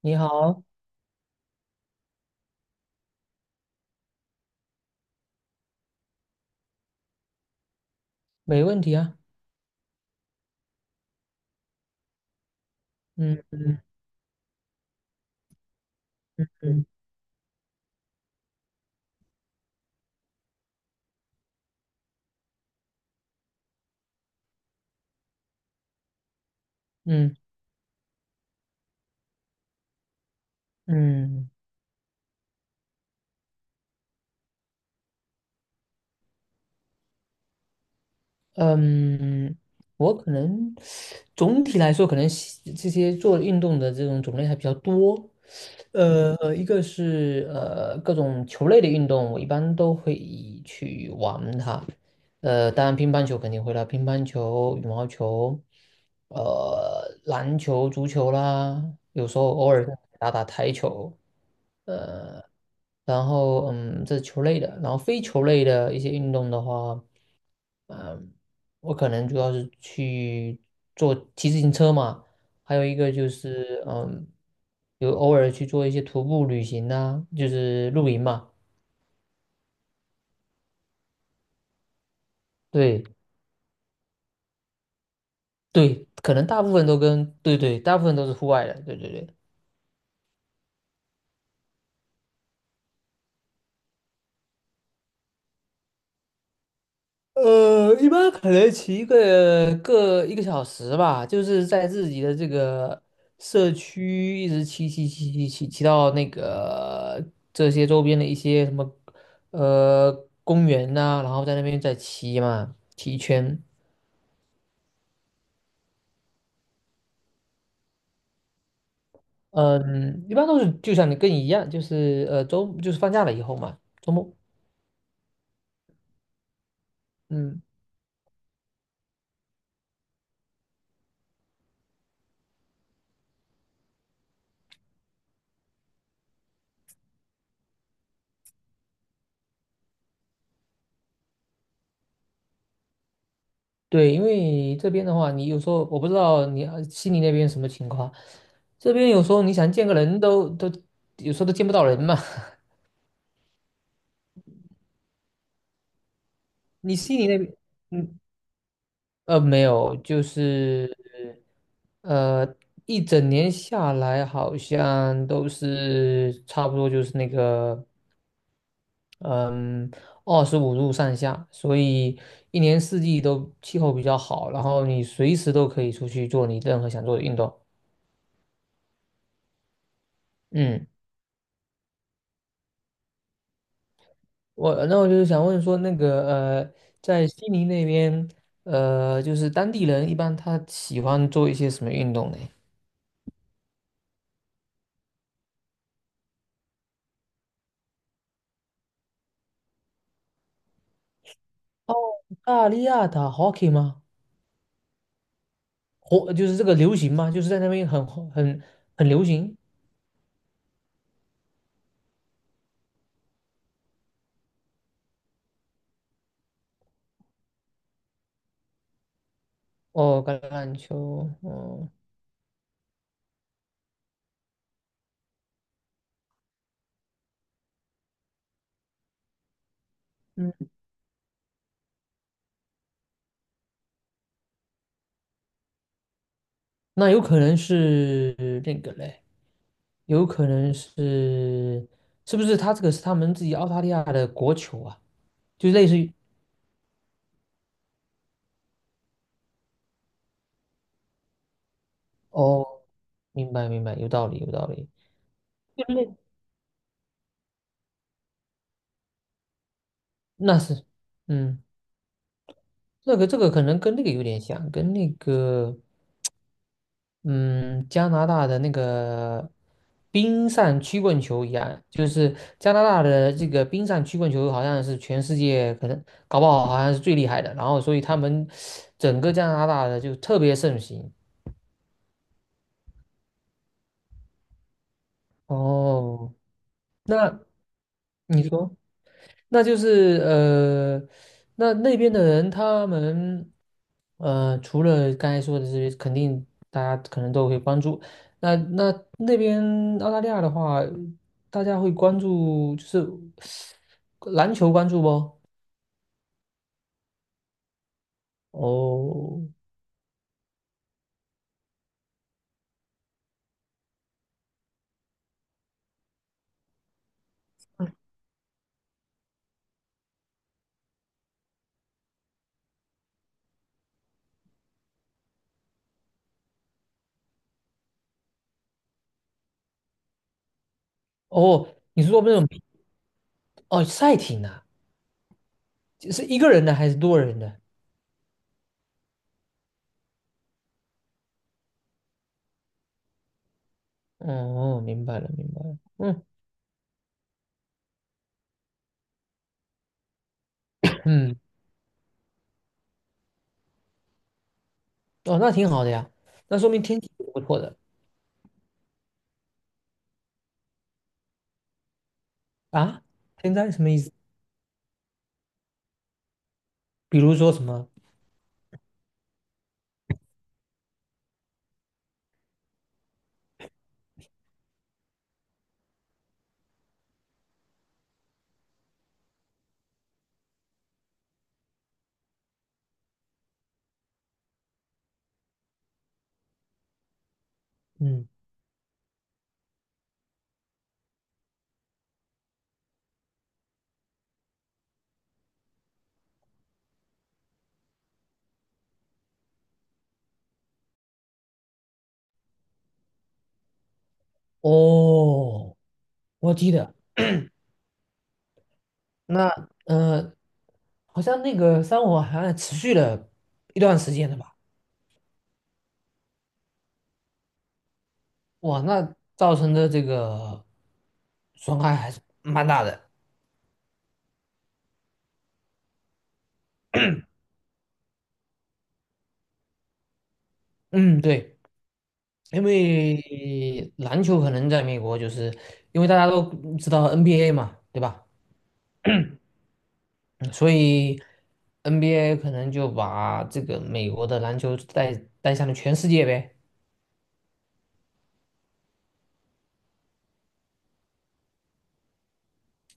你好，没问题啊。嗯嗯嗯嗯嗯嗯，我可能总体来说，可能喜这些做运动的这种种类还比较多。一个是各种球类的运动，我一般都会去玩它。呃，当然乒乓球肯定会啦，乒乓球、羽毛球，篮球、足球啦，有时候偶尔打打台球。呃，然后这是球类的，然后非球类的一些运动的话，我可能主要是去做骑自行车嘛，还有一个就是有偶尔去做一些徒步旅行呐、就是露营嘛。对对，可能大部分都跟大部分都是户外的，对对对。一般可能骑一个小时吧，就是在自己的这个社区一直骑到那个这些周边的一些什么呃公园呐、然后在那边再骑嘛，骑一圈。嗯，一般都是就像你一样，就是就是放假了以后嘛，周末。嗯。对，因为这边的话，你有时候我不知道你悉尼那边什么情况，这边有时候你想见个人都有时候都见不到人嘛。你悉尼那边，嗯，没有，就是呃，一整年下来好像都是差不多就是那个嗯25度上下，所以一年四季都气候比较好，然后你随时都可以出去做你任何想做的运动。嗯。我就是想问说，那个呃，在悉尼那边，就是当地人一般他喜欢做一些什么运动呢？澳大利亚打 hockey 吗？火就是这个流行吗？就是在那边很很流行。哦，橄榄球，哦，嗯，那有可能是那个嘞，有可能是是不是他这个是他们自己澳大利亚的国球啊？就类似于。哦，明白明白，有道理有道理，就类那是。嗯。这个这个可能跟那个有点像，跟那个嗯加拿大的那个冰上曲棍球一样，就是加拿大的这个冰上曲棍球好像是全世界可能搞不好好像是最厉害的，然后所以他们整个加拿大的就特别盛行。哦，那你说？那就是那那边的人他们除了刚才说的这些，肯定大家可能都会关注。那那那边澳大利亚的话，大家会关注就是篮球关注不？哦哦，你是说那种。哦赛艇啊，是一个人的还是多人的？哦，明白了明白了，嗯嗯。哦，那挺好的呀，那说明天气不错的啊。天灾什么意思？比如说什么？嗯。哦，我记得那呃，好像那个山火好像持续了一段时间的吧？哇，那造成的这个损害还是蛮大的。嗯，对，因为篮球可能在美国就是因为大家都知道 NBA 嘛，对吧？嗯所以 NBA 可能就把这个美国的篮球带向了全世界呗。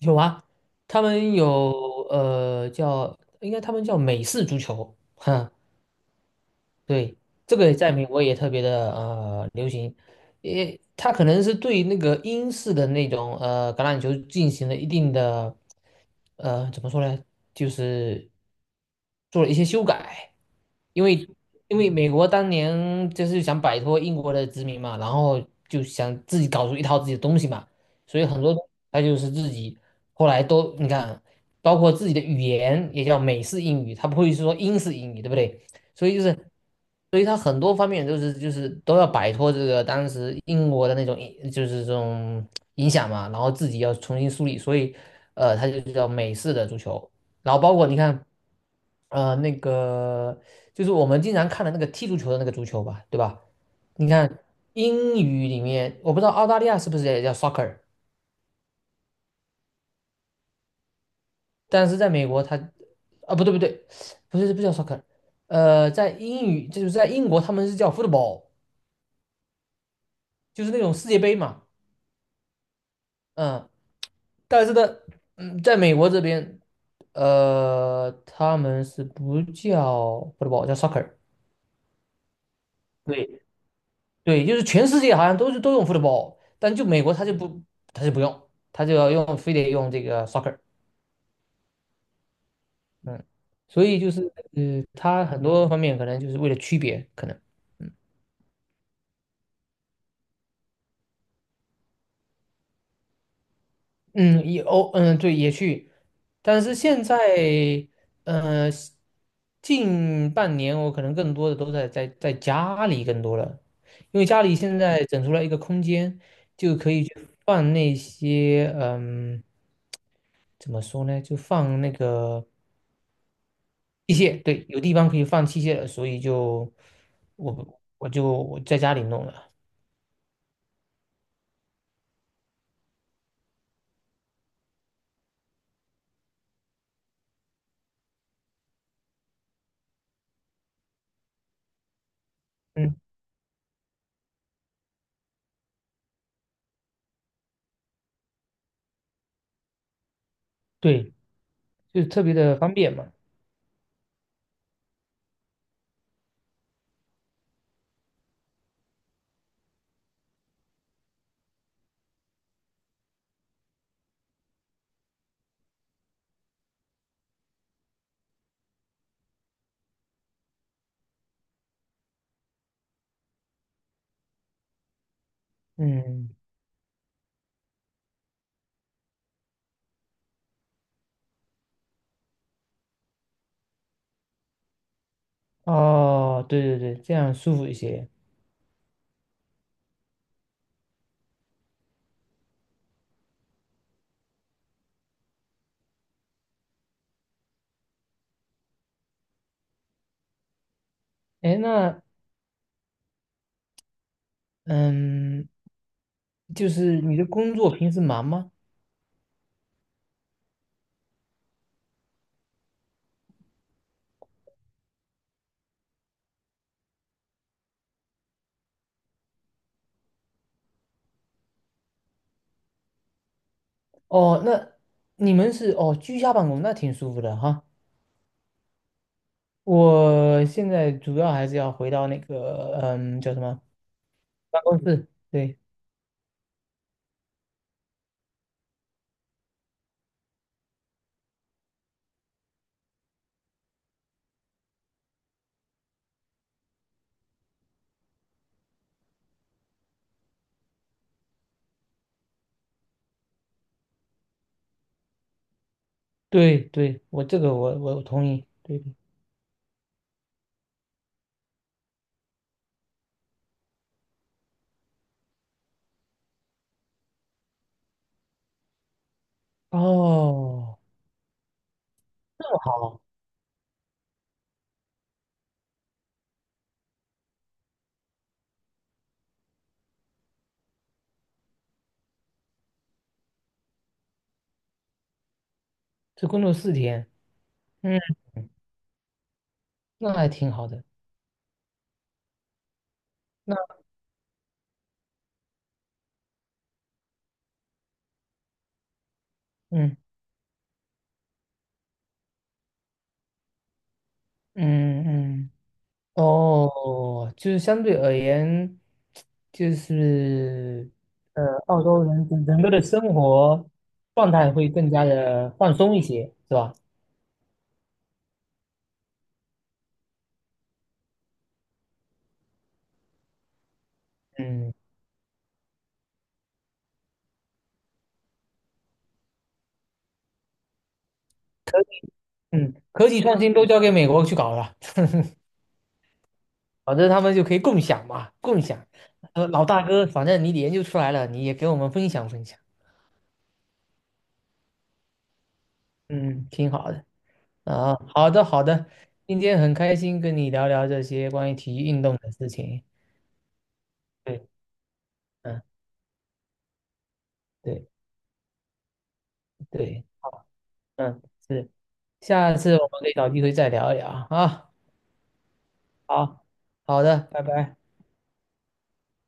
有啊，他们有叫，应该他们叫美式足球，哈，对，这个在美国也特别的流行，也他可能是对那个英式的那种橄榄球进行了一定的怎么说呢，就是做了一些修改，因为美国当年就是想摆脱英国的殖民嘛，然后就想自己搞出一套自己的东西嘛，所以很多他就是自己后来都你看，包括自己的语言也叫美式英语，它不会说英式英语，对不对？所以就是，所以他很多方面都是就是都要摆脱这个当时英国的那种就是这种影响嘛，然后自己要重新梳理，所以他就叫美式的足球，然后包括你看，那个就是我们经常看的那个踢足球的那个足球吧，对吧？你看英语里面，我不知道澳大利亚是不是也叫 soccer，但是在美国它不对不对，不是不叫 soccer，在英语就是在英国他们是叫 football。就是那种世界杯嘛，嗯，但是呢，嗯，在美国这边，他们是不叫 football，叫 soccer，对对，就是全世界好像都是都用 football，但就美国他就不用，他就要用非得用这个 soccer，嗯，所以就是他很多方面可能就是为了区别，可能。嗯。哦，嗯，对，也去，但是现在，嗯，近半年我可能更多的都在家里更多了，因为家里现在整出来一个空间，就可以去放那些，嗯，怎么说呢，就放那个器械，对，有地方可以放器械了，所以就我在家里弄了，嗯，对，就特别的方便嘛，嗯，哦，对对对，这样舒服一些。哎，诶那嗯，就是你的工作平时忙吗？哦，那你们是。哦居家办公，那挺舒服的哈。我现在主要还是要回到那个叫什么办公室，对对对，我这个我同意，对对。哦，好，这工作四天，嗯，那还挺好的。那嗯嗯嗯，哦，就是相对而言，就是澳洲人整个的生活状态会更加的放松一些，是吧？嗯嗯，科技创新都交给美国去搞了，反正他们就可以共享嘛，共享。老大哥，反正你研究出来了，你也给我们分享分享。嗯，挺好的。啊，好的好的，今天很开心跟你聊聊这些关于体育运动的事情。对，嗯，对对，嗯。是。下次我们可以找机会再聊一聊啊。好，好的，拜拜。